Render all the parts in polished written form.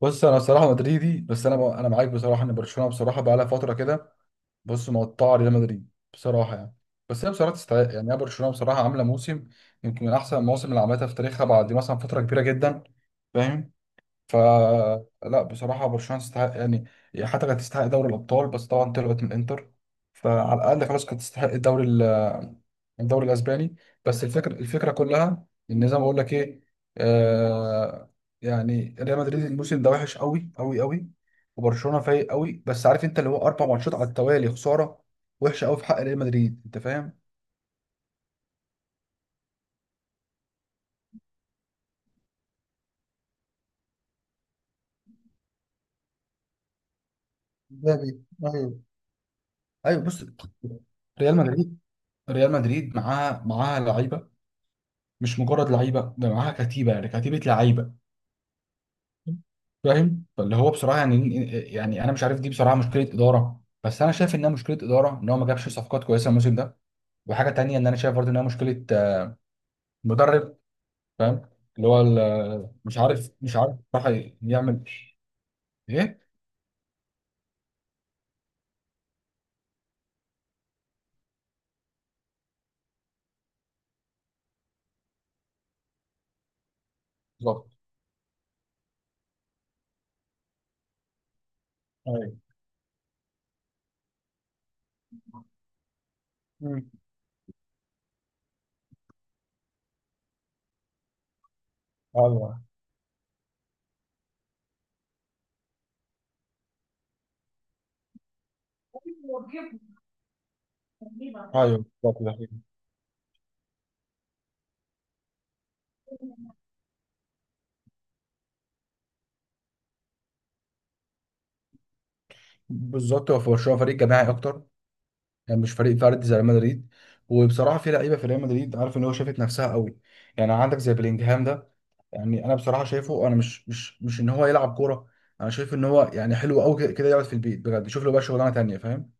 بص، انا بصراحه مدريدي، بس انا معاك بصراحه ان برشلونه بصراحه بقى لها فتره كده. بص، مقطعه ريال مدريد بصراحه، يعني بس هي بصراحه تستحق. يعني هي برشلونه بصراحه عامله موسم يمكن من احسن المواسم اللي عملتها في تاريخها بعد مثلا فتره كبيره جدا. فاهم؟ فلا بصراحة برشلونة تستحق يعني. حتى كانت تستحق دوري الأبطال بس طبعا طلعت من الإنتر. فعلى الأقل خلاص كانت تستحق الدوري الأسباني. بس الفكرة، الفكرة كلها، إن زي ما بقول لك إيه، آه، يعني ريال مدريد الموسم ده وحش قوي قوي قوي، وبرشلونة فايق قوي. بس عارف أنت، اللي هو أربع ماتشات على التوالي خسارة وحشة قوي في حق ريال مدريد، أنت فاهم؟ مبابي، ايوه. أيوه بص، ريال مدريد، ريال مدريد معاها لعيبة. مش مجرد لعيبه، ده معاها كتيبه، يعني كتيبه لعيبه. فاهم؟ فاللي هو بصراحه يعني، يعني انا مش عارف، دي بصراحه مشكله اداره. بس انا شايف انها مشكله اداره ان هو ما جابش صفقات كويسه الموسم ده. وحاجه تانية، ان انا شايف برضه انها مشكله مدرب. فاهم؟ اللي هو مش عارف بصراحه يعمل ايه بالظبط. ايوه. مم. ايوه، ايوه، بالظبط، ده حقيقي. بالظبط، هو في برشلونه فريق جماعي اكتر، يعني مش فريق فردي زي ريال مدريد. وبصراحه في لعيبه في ريال مدريد عارف ان هو شافت نفسها قوي. يعني عندك زي بلينجهام ده، يعني انا بصراحه شايفه، انا مش ان هو يلعب كوره. انا شايف ان هو يعني حلو قوي كده كده يقعد في البيت، بجد يشوف له بقى شغلانه تانيه. فاهم؟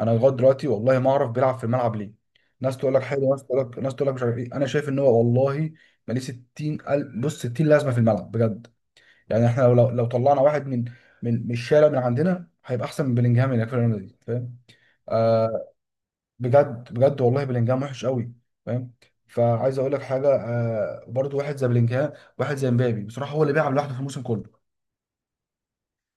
انا لغايه دلوقتي والله ما اعرف بيلعب في الملعب ليه. ناس تقول لك حلو، ناس تقول لك مش عارف ايه. انا شايف ان هو والله ماليه 60. بص، 60 لازمه في الملعب بجد. يعني احنا لو طلعنا واحد من من الشارع من عندنا هيبقى احسن من بلينجهام اللي في ريال مدريد. فاهم؟ آه، بجد بجد، والله بلينجهام وحش قوي. فاهم؟ فعايز اقول لك حاجه، آه، برضو واحد زي بلينجهام، واحد زي مبابي بصراحه هو اللي بيلعب لوحده في الموسم كله.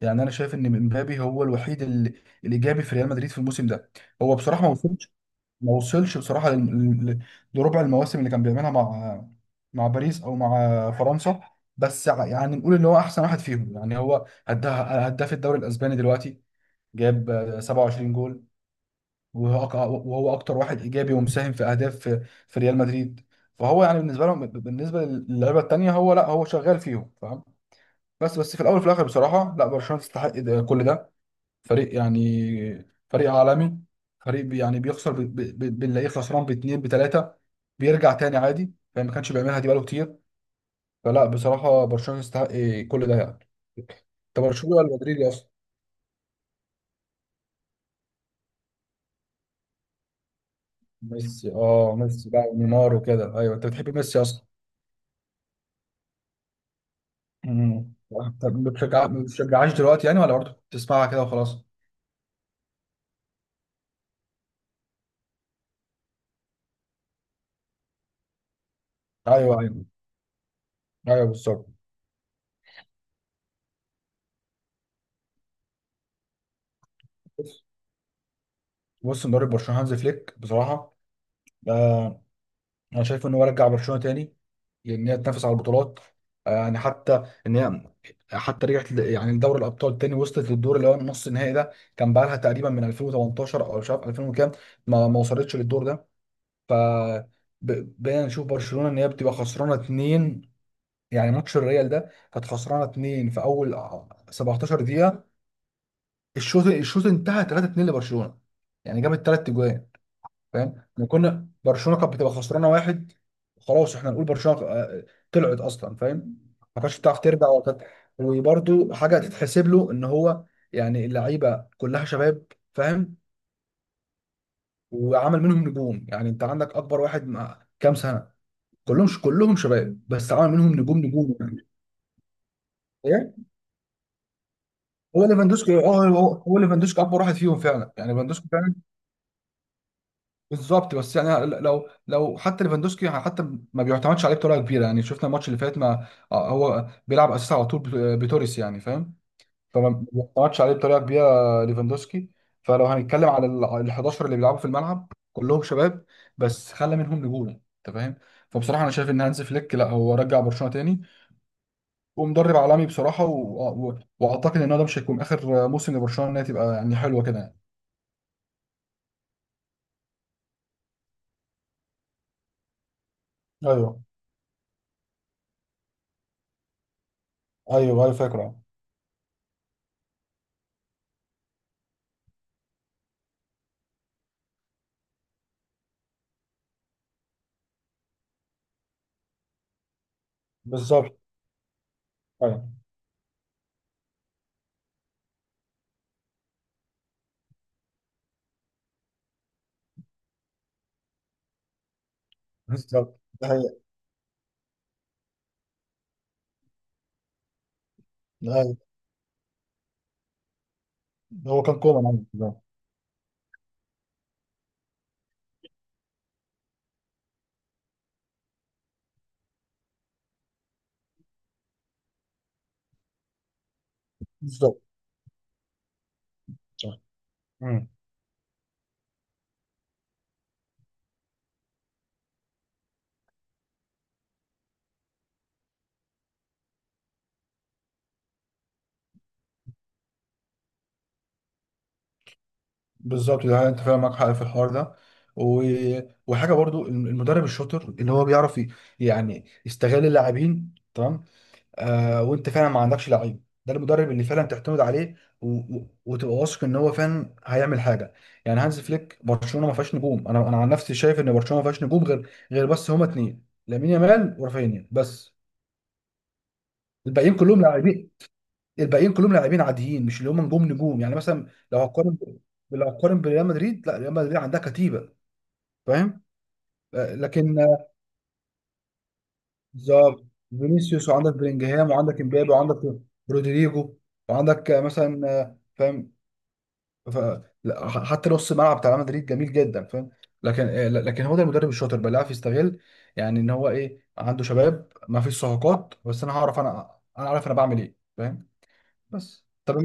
يعني انا شايف ان مبابي هو الوحيد الايجابي في ريال مدريد في الموسم ده. هو بصراحه ما وصلش، ما وصلش بصراحه لربع المواسم اللي كان بيعملها مع، مع باريس او مع فرنسا. بس يعني نقول ان هو احسن واحد فيهم. يعني هو هداف الدوري الاسباني دلوقتي، جاب 27 جول. وهو أك- وهو اكتر واحد ايجابي ومساهم في اهداف في، في ريال مدريد. فهو يعني بالنسبه لهم، بالنسبه للعيبه التانيه، هو لا، هو شغال فيهم. فاهم؟ بس، بس في الاول وفي الاخر بصراحه لا، برشلونه تستحق ده كل ده. فريق يعني فريق عالمي. فريق يعني بيخسر بنلاقيه خسران باتنين بتلاته، بيرجع تاني عادي. فما كانش بيعملها دي بقاله كتير. فلا بصراحه برشلونه تستحق كل ده يعني. انت برشلونه ولا مدريدي اصلا؟ ميسي، اه، ميسي بقى ونيمار وكده. ايوه، انت بتحب ميسي اصلا. مم. طب ما بتشجع، ما بتشجعهاش دلوقتي يعني، ولا برضه بتسمعها كده وخلاص؟ ايوه، ايوه. ايوه، بالظبط. بص، بص، مدرب برشلونه هانز فليك بصراحه، آه، انا شايف ان هو رجع برشلونه تاني، لان هي تنافس على البطولات. آه يعني حتى ان هي، حتى رجعت يعني لدوري الابطال تاني، وصلت للدور اللي هو النص النهائي ده. كان بقى لها تقريبا من 2018 او مش عارف 2000 وكام ما، ما وصلتش للدور ده. ف، بقينا نشوف برشلونه ان هي بتبقى خسرانه اتنين. يعني ماتش الريال ده كانت خسرانه 2 في اول 17 دقيقه. الشوط انتهى 3-2 لبرشلونه. يعني جابت ثلاث اجوان. فاهم؟ احنا كنا، برشلونه كانت بتبقى خسرانه واحد، خلاص احنا نقول برشلونه طلعت اصلا. فاهم؟ ما كانتش بتعرف ترجع. وكانت، وبرده حاجه تتحسب له ان هو يعني اللعيبه كلها شباب. فاهم؟ وعمل منهم نجوم. يعني انت عندك اكبر واحد مع كام سنه؟ كلهم شباب، بس عمل منهم نجوم نجوم. يعني هو ليفاندوسكي، هو ليفاندوسكي اكبر واحد فيهم فعلا. يعني ليفاندوسكي فعلا. بالظبط، بس يعني لو، لو حتى ليفاندوسكي يعني حتى ما بيعتمدش عليه بطريقه كبيره. يعني شفنا الماتش اللي فات، ما هو بيلعب اساسي على طول بتوريس. يعني فاهم؟ فما بيعتمدش عليه بطريقه كبيره ليفاندوسكي. فلو هنتكلم على ال 11 اللي بيلعبوا في الملعب كلهم شباب، بس خلى منهم نجوم. انت فاهم؟ فبصراحه انا شايف ان هانز فليك لا، هو رجع برشلونه تاني، ومدرب عالمي بصراحه. واعتقد ان هو ده مش هيكون اخر موسم لبرشلونه انها تبقى يعني حلوه كده يعني. ايوه، ايوه. ايوه فاكره أيوة. بالظبط. ايوه، بالظبط، ده هي. ايوه، هو كان كوما عندي بالظبط. بالظبط. صح. مم. بالظبط، ده هي. انت فاهم، معاك حق في الحوار ده. و... وحاجه برضو، المدرب الشاطر اللي هو بيعرف يعني يستغل اللاعبين تمام. آه، وانت فعلا ما عندكش لعيب، ده المدرب اللي فعلا تعتمد عليه وتبقى واثق ان هو فعلا هيعمل حاجه. يعني هانز فليك برشلونه ما فيهاش نجوم. انا عن نفسي شايف ان برشلونه ما فيهاش نجوم، غير بس هما اتنين، لامين يامال ورافينيا بس. الباقيين كلهم لاعبين. الباقيين كلهم لاعبين عاديين، مش اللي هم نجوم نجوم. يعني مثلا لو هقارن، لو هقارن بريال مدريد، لا ريال مدريد عندها كتيبه. فاهم؟ آه، لكن، آه، بالظبط. فينيسيوس، وعندك بلينجهام، وعندك امبابي، وعندك رودريجو، وعندك مثلا، فاهم؟ ف... لا، حتى نص الملعب بتاع ريال مدريد جميل جدا. فاهم؟ لكن، لكن هو ده المدرب الشاطر بقى اللي عارف يستغل. يعني ان هو ايه، عنده شباب، ما فيش صفقات، بس انا هعرف، انا عارف انا بعمل ايه. فاهم؟ بس طب،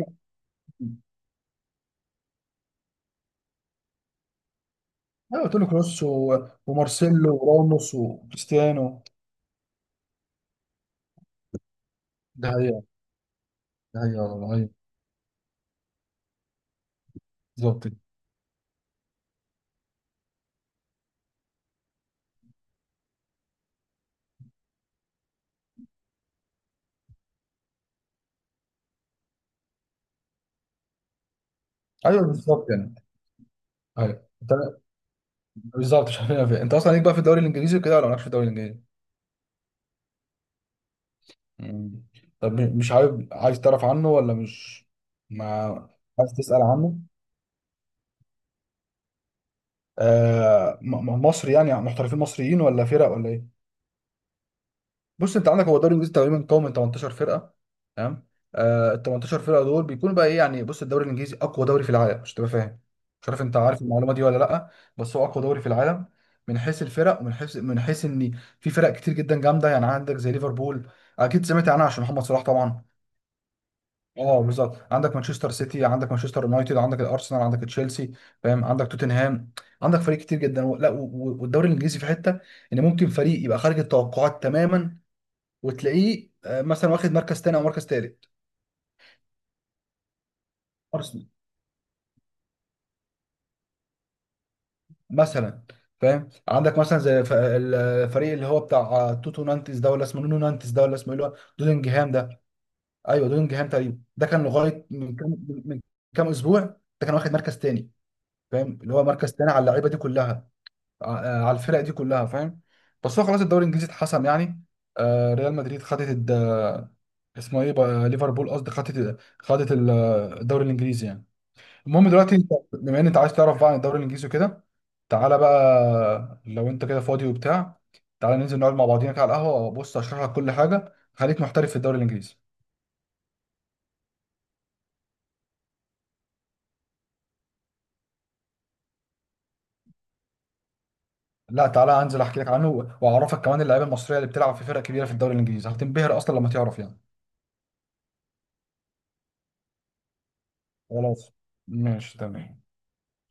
ايوه. قلت له كروس، ومارسيلو وراموس وكريستيانو. ده هي. ده هي والله هي. بالظبط كده. ايوه، بالظبط يعني. ايوه. انت بالظبط مش عارف فين. انت اصلا ليك بقى في الدوري الانجليزي وكده، ولا مالكش في الدوري الانجليزي؟ مم. طب مش عارف، عايز تعرف عنه ولا مش ما عايز تسأل عنه؟ آه، مصر يعني، محترفين مصريين ولا فرق ولا ايه؟ بص، انت عندك هو الدوري الانجليزي تقريبا قوي من 18 فرقه. تمام؟ آه، ال 18 فرقه دول بيكونوا بقى ايه يعني؟ بص، الدوري الانجليزي اقوى دوري في العالم، مش تبقى فاهم. مش عارف انت عارف المعلومه دي ولا لا، بس هو اقوى دوري في العالم، من حيث الفرق، ومن حيث، من حيث ان في فرق كتير جدا جامده. يعني عندك زي ليفربول، اكيد سمعت عنها عشان محمد صلاح طبعا. اه، بالظبط. عندك مانشستر سيتي، عندك مانشستر يونايتد، عندك الارسنال، عندك تشيلسي، فاهم؟ عندك توتنهام، عندك فريق كتير جدا. لا، والدوري الانجليزي في حته ان ممكن فريق يبقى خارج التوقعات تماما، وتلاقيه مثلا واخد مركز تاني او مركز تالت. ارسنال مثلا. فاهم؟ عندك مثلا زي الفريق اللي هو بتاع توتو نانتس ده، ولا اسمه نونو نانتس ده، ولا اسمه ايه اللي هو دودنجهام ده؟ ايوه، دودنجهام تقريبا ده كان لغايه من كام، من كام اسبوع ده كان واخد مركز تاني. فاهم؟ اللي هو مركز تاني على اللعيبه دي كلها، على الفرق دي كلها. فاهم؟ بس هو خلاص الدوري الانجليزي اتحسم يعني. ريال مدريد خدت اسمه ايه بقى، ليفربول قصدي، خدت، خدت الدوري الانجليزي يعني. المهم دلوقتي انت بما ان انت عايز تعرف بقى عن الدوري الانجليزي وكده، تعالى بقى لو انت كده فاضي وبتاع، تعالى ننزل نقعد مع بعضينا كده على القهوه، بص اشرح لك كل حاجه، خليك محترف في الدوري الانجليزي. لا تعالى انزل احكي لك عنه، واعرفك كمان اللعيبه المصريه اللي بتلعب في فرق كبيره في الدوري الانجليزي، هتنبهر اصلا لما تعرف يعني. خلاص، ماشي، تمام.